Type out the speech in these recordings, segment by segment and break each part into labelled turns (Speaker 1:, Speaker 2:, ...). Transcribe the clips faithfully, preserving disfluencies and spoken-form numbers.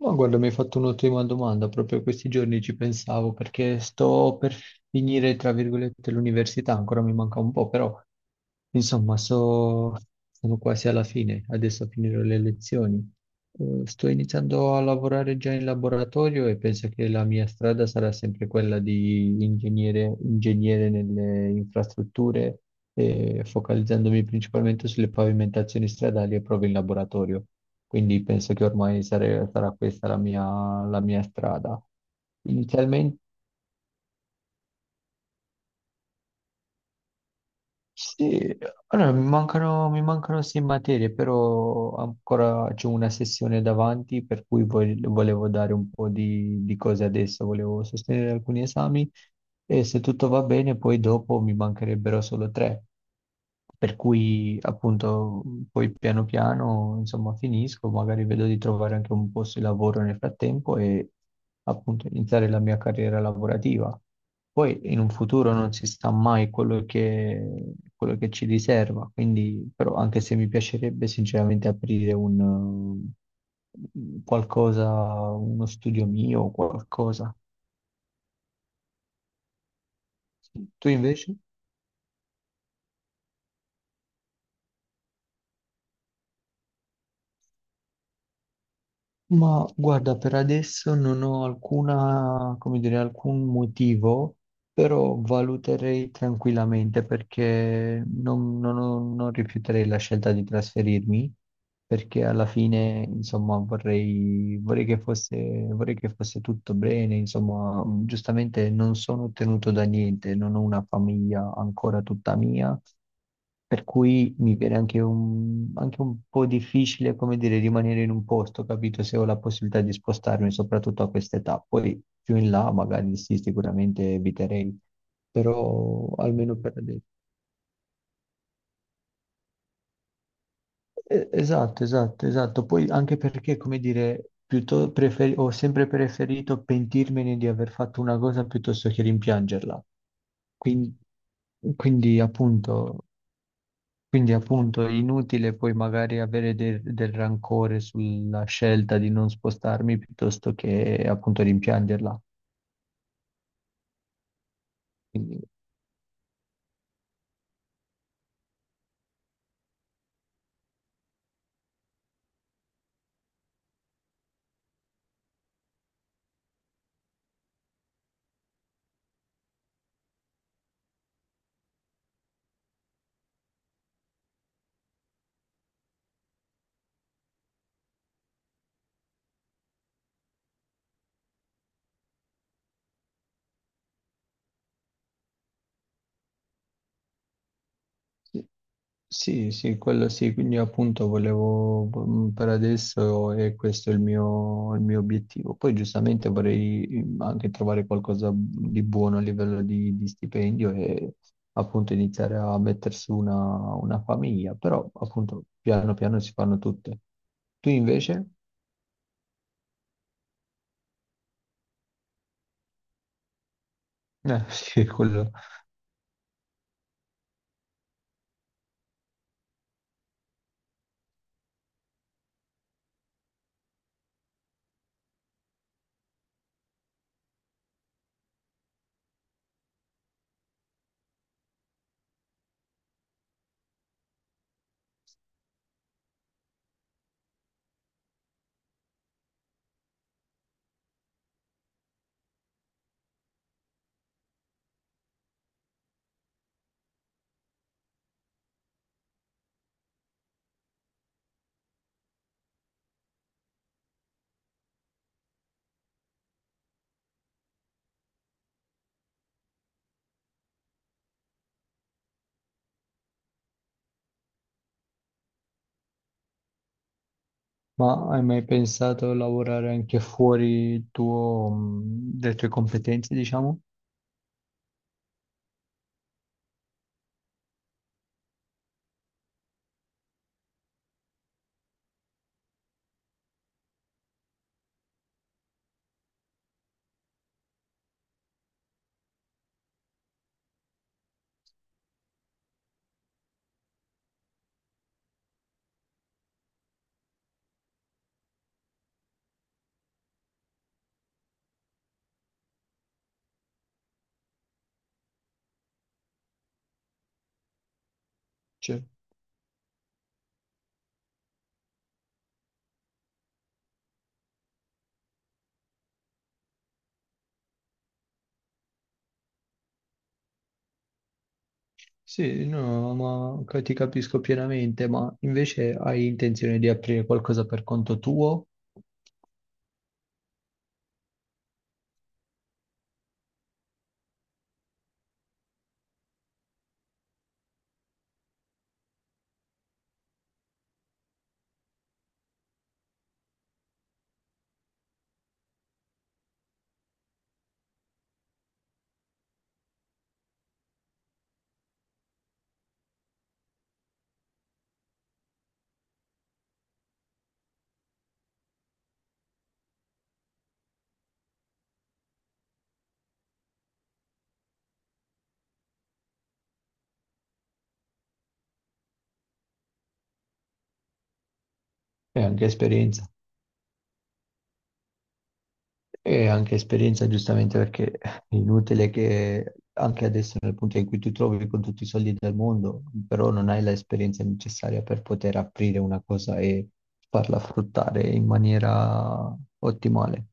Speaker 1: Ma guarda, mi hai fatto un'ottima domanda, proprio questi giorni ci pensavo perché sto per finire, tra virgolette, l'università, ancora mi manca un po', però insomma so- sono quasi alla fine, adesso finirò le lezioni. Eh, sto iniziando a lavorare già in laboratorio e penso che la mia strada sarà sempre quella di ingegnere, ingegnere nelle infrastrutture, eh, focalizzandomi principalmente sulle pavimentazioni stradali e prove in laboratorio. Quindi penso che ormai sare- sarà questa la mia, la mia strada. Inizialmente, sì, allora, mi mancano, mi mancano sei materie, però ancora c'è una sessione davanti, per cui vol- volevo dare un po' di, di cose adesso, volevo sostenere alcuni esami. E se tutto va bene, poi dopo mi mancherebbero solo tre. Per cui appunto poi piano piano insomma finisco, magari vedo di trovare anche un posto di lavoro nel frattempo e appunto iniziare la mia carriera lavorativa. Poi in un futuro non si sa mai quello che, quello che ci riserva, quindi però anche se mi piacerebbe sinceramente aprire un um, qualcosa, uno studio mio o qualcosa. Tu invece? Ma guarda, per adesso non ho alcuna, come dire, alcun motivo, però valuterei tranquillamente perché non, non ho- non rifiuterei la scelta di trasferirmi, perché alla fine, insomma, vorrei, vorrei che fosse, vorrei che fosse tutto bene, insomma, giustamente non sono tenuto da niente, non ho una famiglia ancora tutta mia per cui mi viene anche un, anche un po' difficile, come dire, rimanere in un posto, capito? Se ho la possibilità di spostarmi, soprattutto a questa età. Poi più in là, magari sì, sicuramente eviterei, però almeno per adesso. Eh, Esatto, esatto, esatto. Poi anche perché, come dire, piuttosto preferi- ho sempre preferito pentirmene di aver fatto una cosa piuttosto che rimpiangerla. Quindi, quindi, appunto. Quindi appunto è inutile poi magari avere del, del rancore sulla scelta di non spostarmi piuttosto che appunto rimpiangerla. Quindi, sì, sì, sì, quello sì, quindi appunto volevo, mm, per adesso è questo il mio, il mio obiettivo. Poi giustamente vorrei mm, anche trovare qualcosa di buono a livello di, di stipendio e appunto iniziare a mettere su una, una famiglia, però appunto piano piano si fanno tutte. Tu invece? Eh, sì, quello. Ma hai mai pensato a lavorare anche fuori il tuo, mh, le tue competenze, diciamo? Cioè, sì, no, ma ca- ti capisco pienamente, ma invece hai intenzione di aprire qualcosa per conto tuo e anche esperienza? E anche esperienza, giustamente, perché è inutile che anche adesso, nel punto in cui ti trovi con tutti i soldi del mondo, però non hai l'esperienza necessaria per poter aprire una cosa e farla fruttare in maniera ottimale.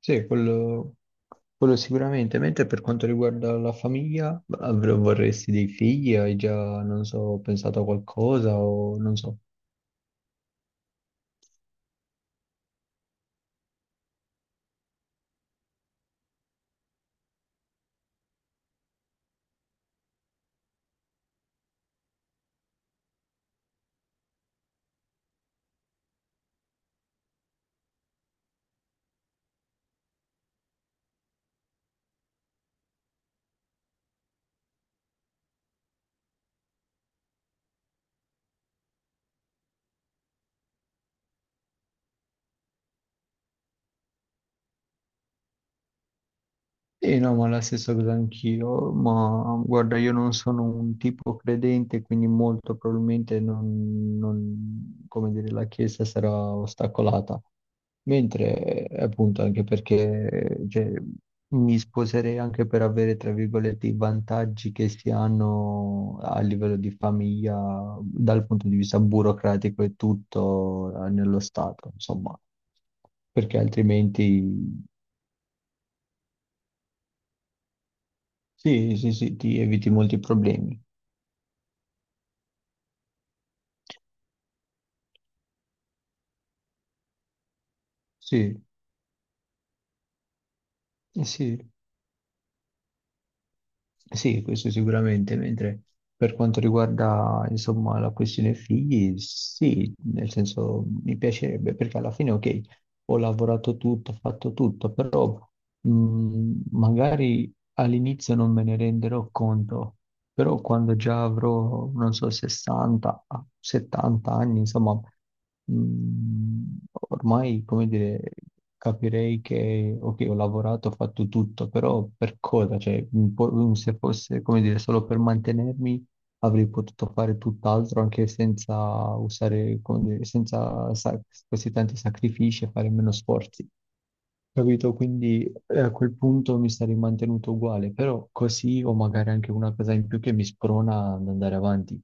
Speaker 1: Sì, quello, quello sicuramente. Mentre per quanto riguarda la famiglia, avr- vorresti dei figli? Hai già, non so, pensato a qualcosa o non so. Sì, no, ma la stessa cosa anch'io, ma guarda, io non sono un tipo credente, quindi molto probabilmente non, non- come dire, la Chiesa sarà ostacolata. Mentre, eh, appunto, anche perché cioè, mi sposerei anche per avere, tra virgolette, i vantaggi che si hanno a livello di famiglia, dal punto di vista burocratico e tutto eh, nello Stato, insomma, perché altrimenti. Sì, sì, sì, ti eviti molti problemi. Sì, eh sì, sì, questo sicuramente, mentre per quanto riguarda, insomma, la questione figli, sì, nel senso mi piacerebbe, perché alla fine, ok, ho lavorato tutto, ho fatto tutto, però mh, magari all'inizio non me ne renderò conto. Però quando già avrò, non so, sessanta, ah, settanta anni, insomma, mh, ormai, come dire, capirei che, ok, ho lavorato, ho fatto tutto, però per cosa? Cioè, un po', se fosse, come dire, solo per mantenermi, avrei potuto fare tutt'altro anche senza usare, come dire, senza sa- questi tanti sacrifici e fare meno sforzi. Capito? Quindi eh, a quel punto mi sarei mantenuto uguale, però così ho magari anche una cosa in più che mi sprona ad andare avanti.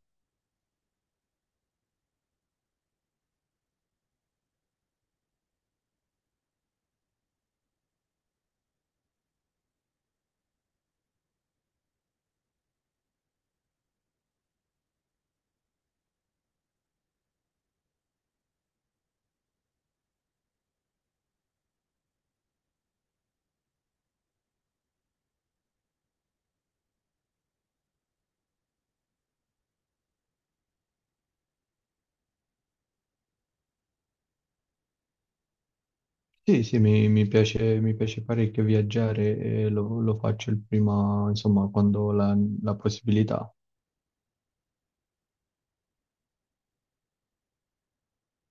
Speaker 1: Sì, sì, mi, mi piace, mi piace parecchio viaggiare e lo, lo faccio il prima, insomma, quando ho la, la possibilità.